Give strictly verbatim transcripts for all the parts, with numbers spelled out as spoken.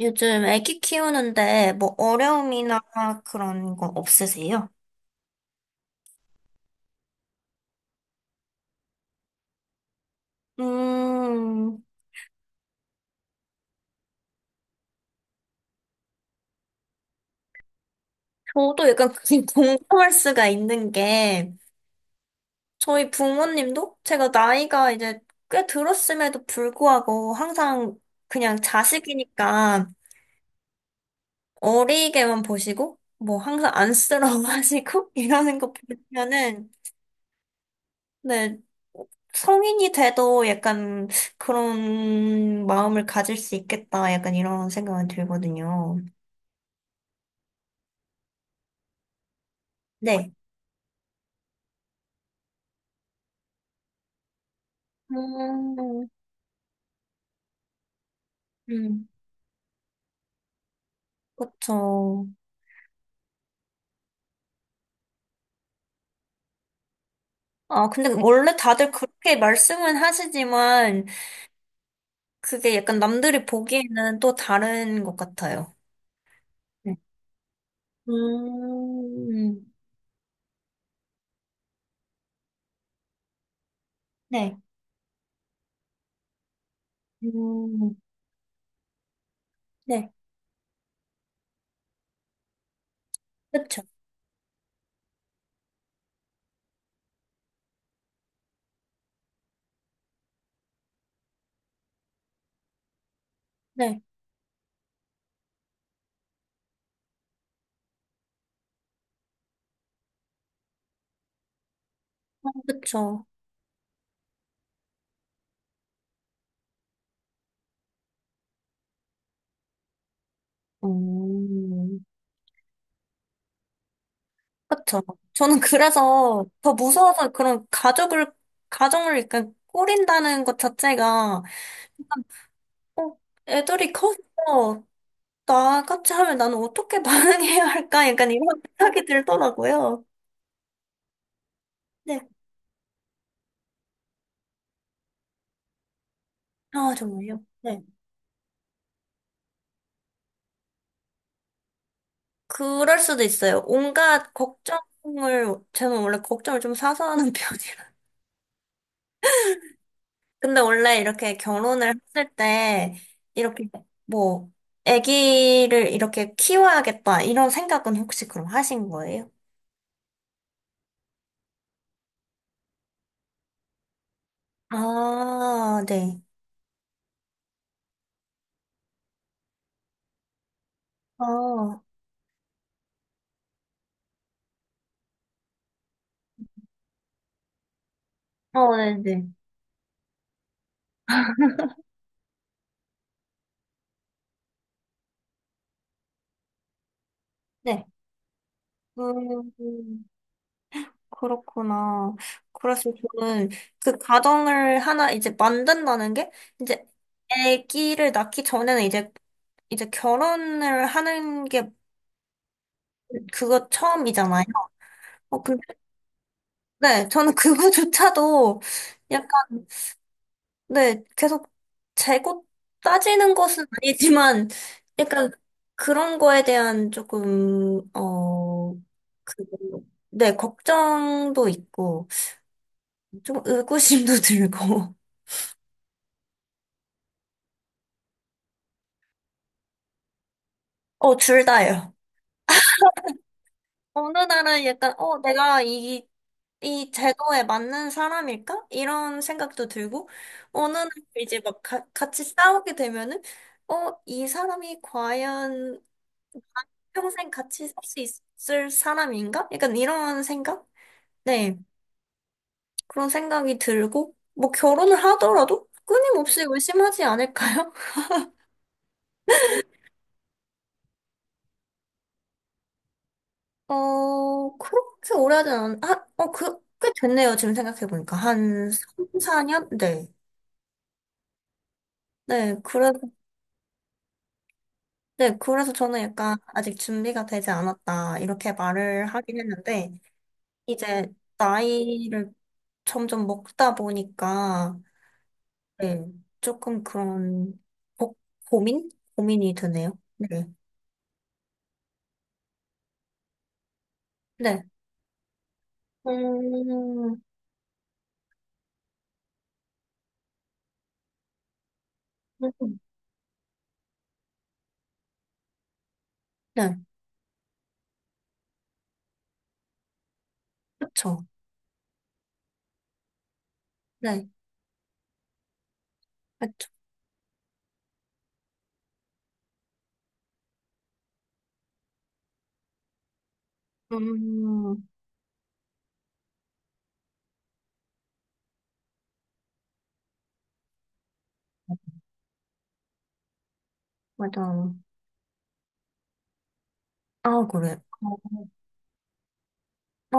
요즘 애기 키우는데 뭐 어려움이나 그런 거 없으세요? 음, 저도 약간 그게 공감할 수가 있는 게 저희 부모님도 제가 나이가 이제 꽤 들었음에도 불구하고 항상 그냥 자식이니까 어리게만 보시고 뭐 항상 안쓰러워하시고 이러는 거 보면은 네, 성인이 돼도 약간 그런 마음을 가질 수 있겠다. 약간 이런 생각은 들거든요. 네. 음, 음, 그쵸. 아, 근데 원래 다들 그렇게 말씀은 하시지만 그게 약간 남들이 보기에는 또 다른 것 같아요. 네. 음, 네. 음, 네. 그쵸. 네. 어, 그쵸. 음. 그쵸. 저는 그래서 더 무서워서 그런 가족을, 가정을 약간 꾸린다는 것 자체가, 약간, 어, 애들이 커서 나같이 하면 나는 어떻게 반응해야 할까? 약간 이런 생각이 들더라고요. 네. 아, 정말요? 네. 그럴 수도 있어요. 온갖 걱정을, 저는 원래 걱정을 좀 사서 하는 편이라. 근데 원래 이렇게 결혼을 했을 때 이렇게 뭐 아기를 이렇게 키워야겠다 이런 생각은 혹시 그럼 하신 거예요? 아, 네. 아, 어, 네네. 네. 음, 그렇구나. 그래서 저는 그 가정을 하나 이제 만든다는 게 이제 아기를 낳기 전에는 이제 이제 결혼을 하는 게 그거 처음이잖아요. 어, 네, 저는 그거조차도 약간, 네, 계속 재고 따지는 것은 아니지만, 약간 그런 거에 대한 조금, 어, 그, 네, 걱정도 있고, 좀 의구심도 들고, 어, 둘 다예요. 어느 날은 약간, 어, 내가 이, 이 제도에 맞는 사람일까? 이런 생각도 들고, 어느 날 이제 막 가- 같이 싸우게 되면은, 어, 이 사람이 과연 평생 같이 살 수 있을 사람인가? 약간 이런 생각? 네, 그런 생각이 들고, 뭐 결혼을 하더라도 끊임없이 의심하지 않을까요? 어, 그렇게 오래 하진 않, 아, 어, 그, 꽤 됐네요. 지금 생각해보니까. 한 삼, 사 년? 네. 네, 그래서, 네, 그래서 저는 약간 아직 준비가 되지 않았다. 이렇게 말을 하긴 했는데, 이제 나이를 점점 먹다 보니까, 네, 조금 그런 고, 고민? 고민이 드네요. 네. 네. 음, 음, 네. 그쵸. 네. 그쵸. 음, 맞아요. 아, 그래. 어,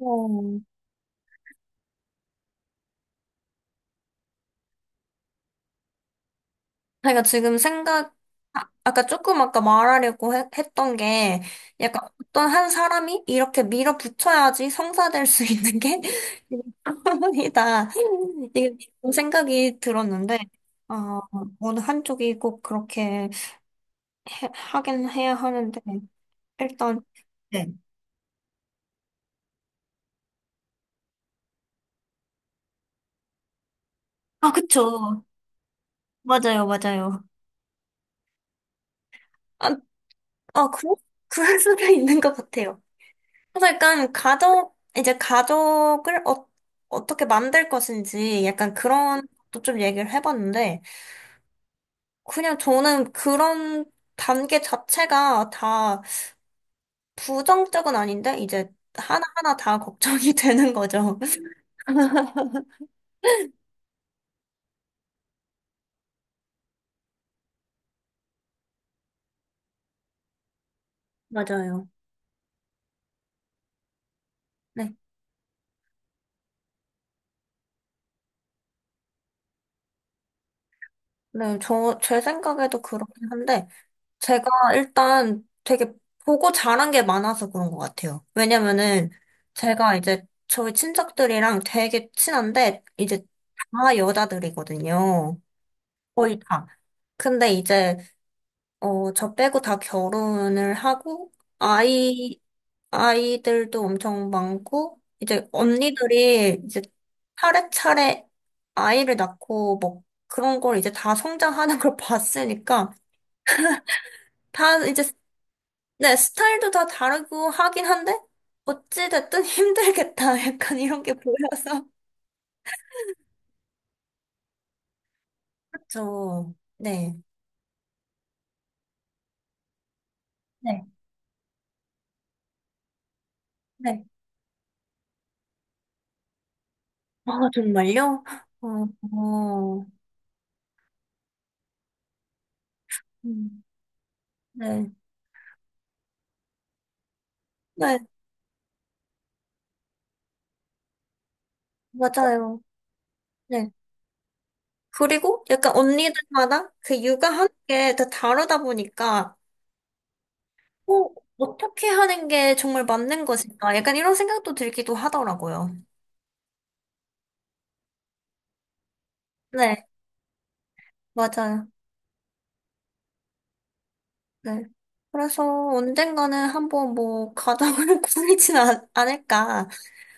어, 제가 지금 생각, 아, 아까 조금 아까 말하려고 해- 했던 게 약간 어떤 한 사람이 이렇게 밀어붙여야지 성사될 수 있는 게 이다. 이게 그런 생각이 들었는데, 어, 어느 한쪽이 꼭 그렇게 해- 하긴 해야 하는데, 일단, 네. 아, 그쵸. 맞아요, 맞아요. 아, 아, 그, 그럴 수도 있는 것 같아요. 그래서 약간 가족, 이제 가족을 어, 어떻게 만들 것인지 약간 그런 것도 좀 얘기를 해봤는데, 그냥 저는 그런 단계 자체가 다 부정적은 아닌데, 이제 하나하나 다 걱정이 되는 거죠. 맞아요. 네. 네, 저, 제 생각에도 그렇긴 한데, 제가 일단 되게 보고 자란 게 많아서 그런 것 같아요. 왜냐면은 제가 이제 저희 친척들이랑 되게 친한데 이제 다 여자들이거든요. 거의 다. 근데 이제 어, 저 빼고 다 결혼을 하고 아이 아이들도 엄청 많고 이제 언니들이 이제 차례차례 아이를 낳고 뭐 그런 걸 이제 다 성장하는 걸 봤으니까 다 이제 네, 스타일도 다 다르고 하긴 한데, 어찌됐든 힘들겠다. 약간 이런 게 보여서. 그렇죠. 네. 네. 네. 아, 정말요? 어, 어, 음, 네. 네, 맞아요. 네. 그리고 약간 언니들마다 그 육아하는 게 다 다르다 보니까, 어, 어떻게 하는 게 정말 맞는 것일까? 약간 이런 생각도 들기도 하더라고요. 네, 맞아요. 네. 그래서 언젠가는 한번 뭐 가정을 꾸리진 않- 않을까.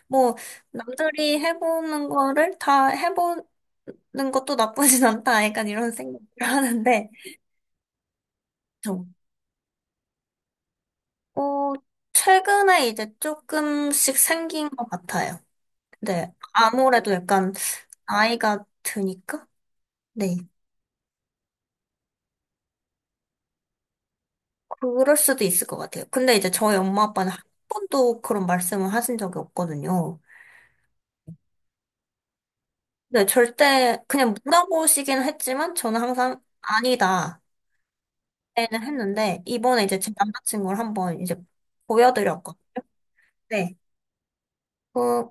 뭐 남들이 해보는 거를 다 해보는 것도 나쁘진 않다. 약간 이런 생각을 하는데, 저, 어, 최근에 이제 조금씩 생긴 것 같아요. 네. 아무래도 약간 나이가 드니까? 네. 그럴 수도 있을 것 같아요. 근데 이제 저희 엄마 아빠는 한 번도 그런 말씀을 하신 적이 없거든요. 네, 절대 그냥 물어보시긴 했지만 저는 항상 아니다. 는 했는데 이번에 이제 제 남자친구를 한번 이제 보여드렸거든요. 네. 그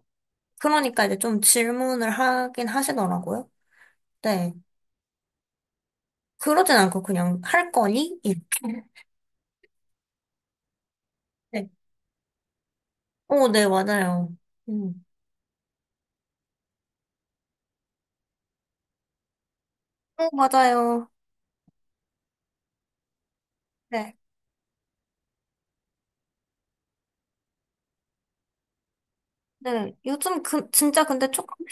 그러니까 이제 좀 질문을 하긴 하시더라고요. 네. 그러진 않고 그냥 할 거니? 이렇게. 네. 오, 네, 맞아요. 음. 오, 맞아요. 네. 네. 요즘 그 진짜 근데 조금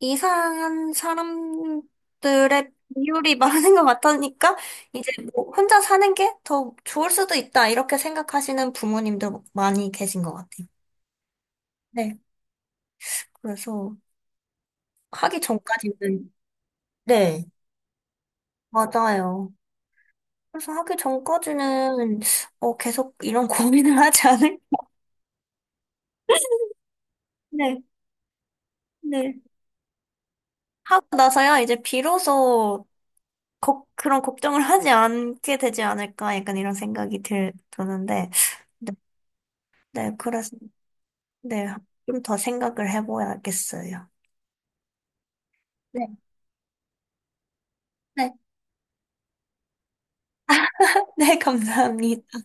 이상한 사람들의 비율이 많은 것 같으니까 이제 뭐 혼자 사는 게 더 좋을 수도 있다 이렇게 생각하시는 부모님도 많이 계신 것 같아요. 네, 그래서 하기 전까지는 네, 맞아요. 그래서 하기 전까지는 어, 계속 이런 고민을 하지 않을? 네, 네. 하고 나서야 이제 비로소 걱- 그런 걱정을 하지 않게 되지 않을까 약간 이런 생각이 들, 드는데 네, 네, 그래서. 네, 좀 더 생각을 해봐야겠어요. 네. 네. 네, 감사합니다.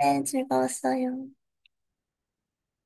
네, 즐거웠어요.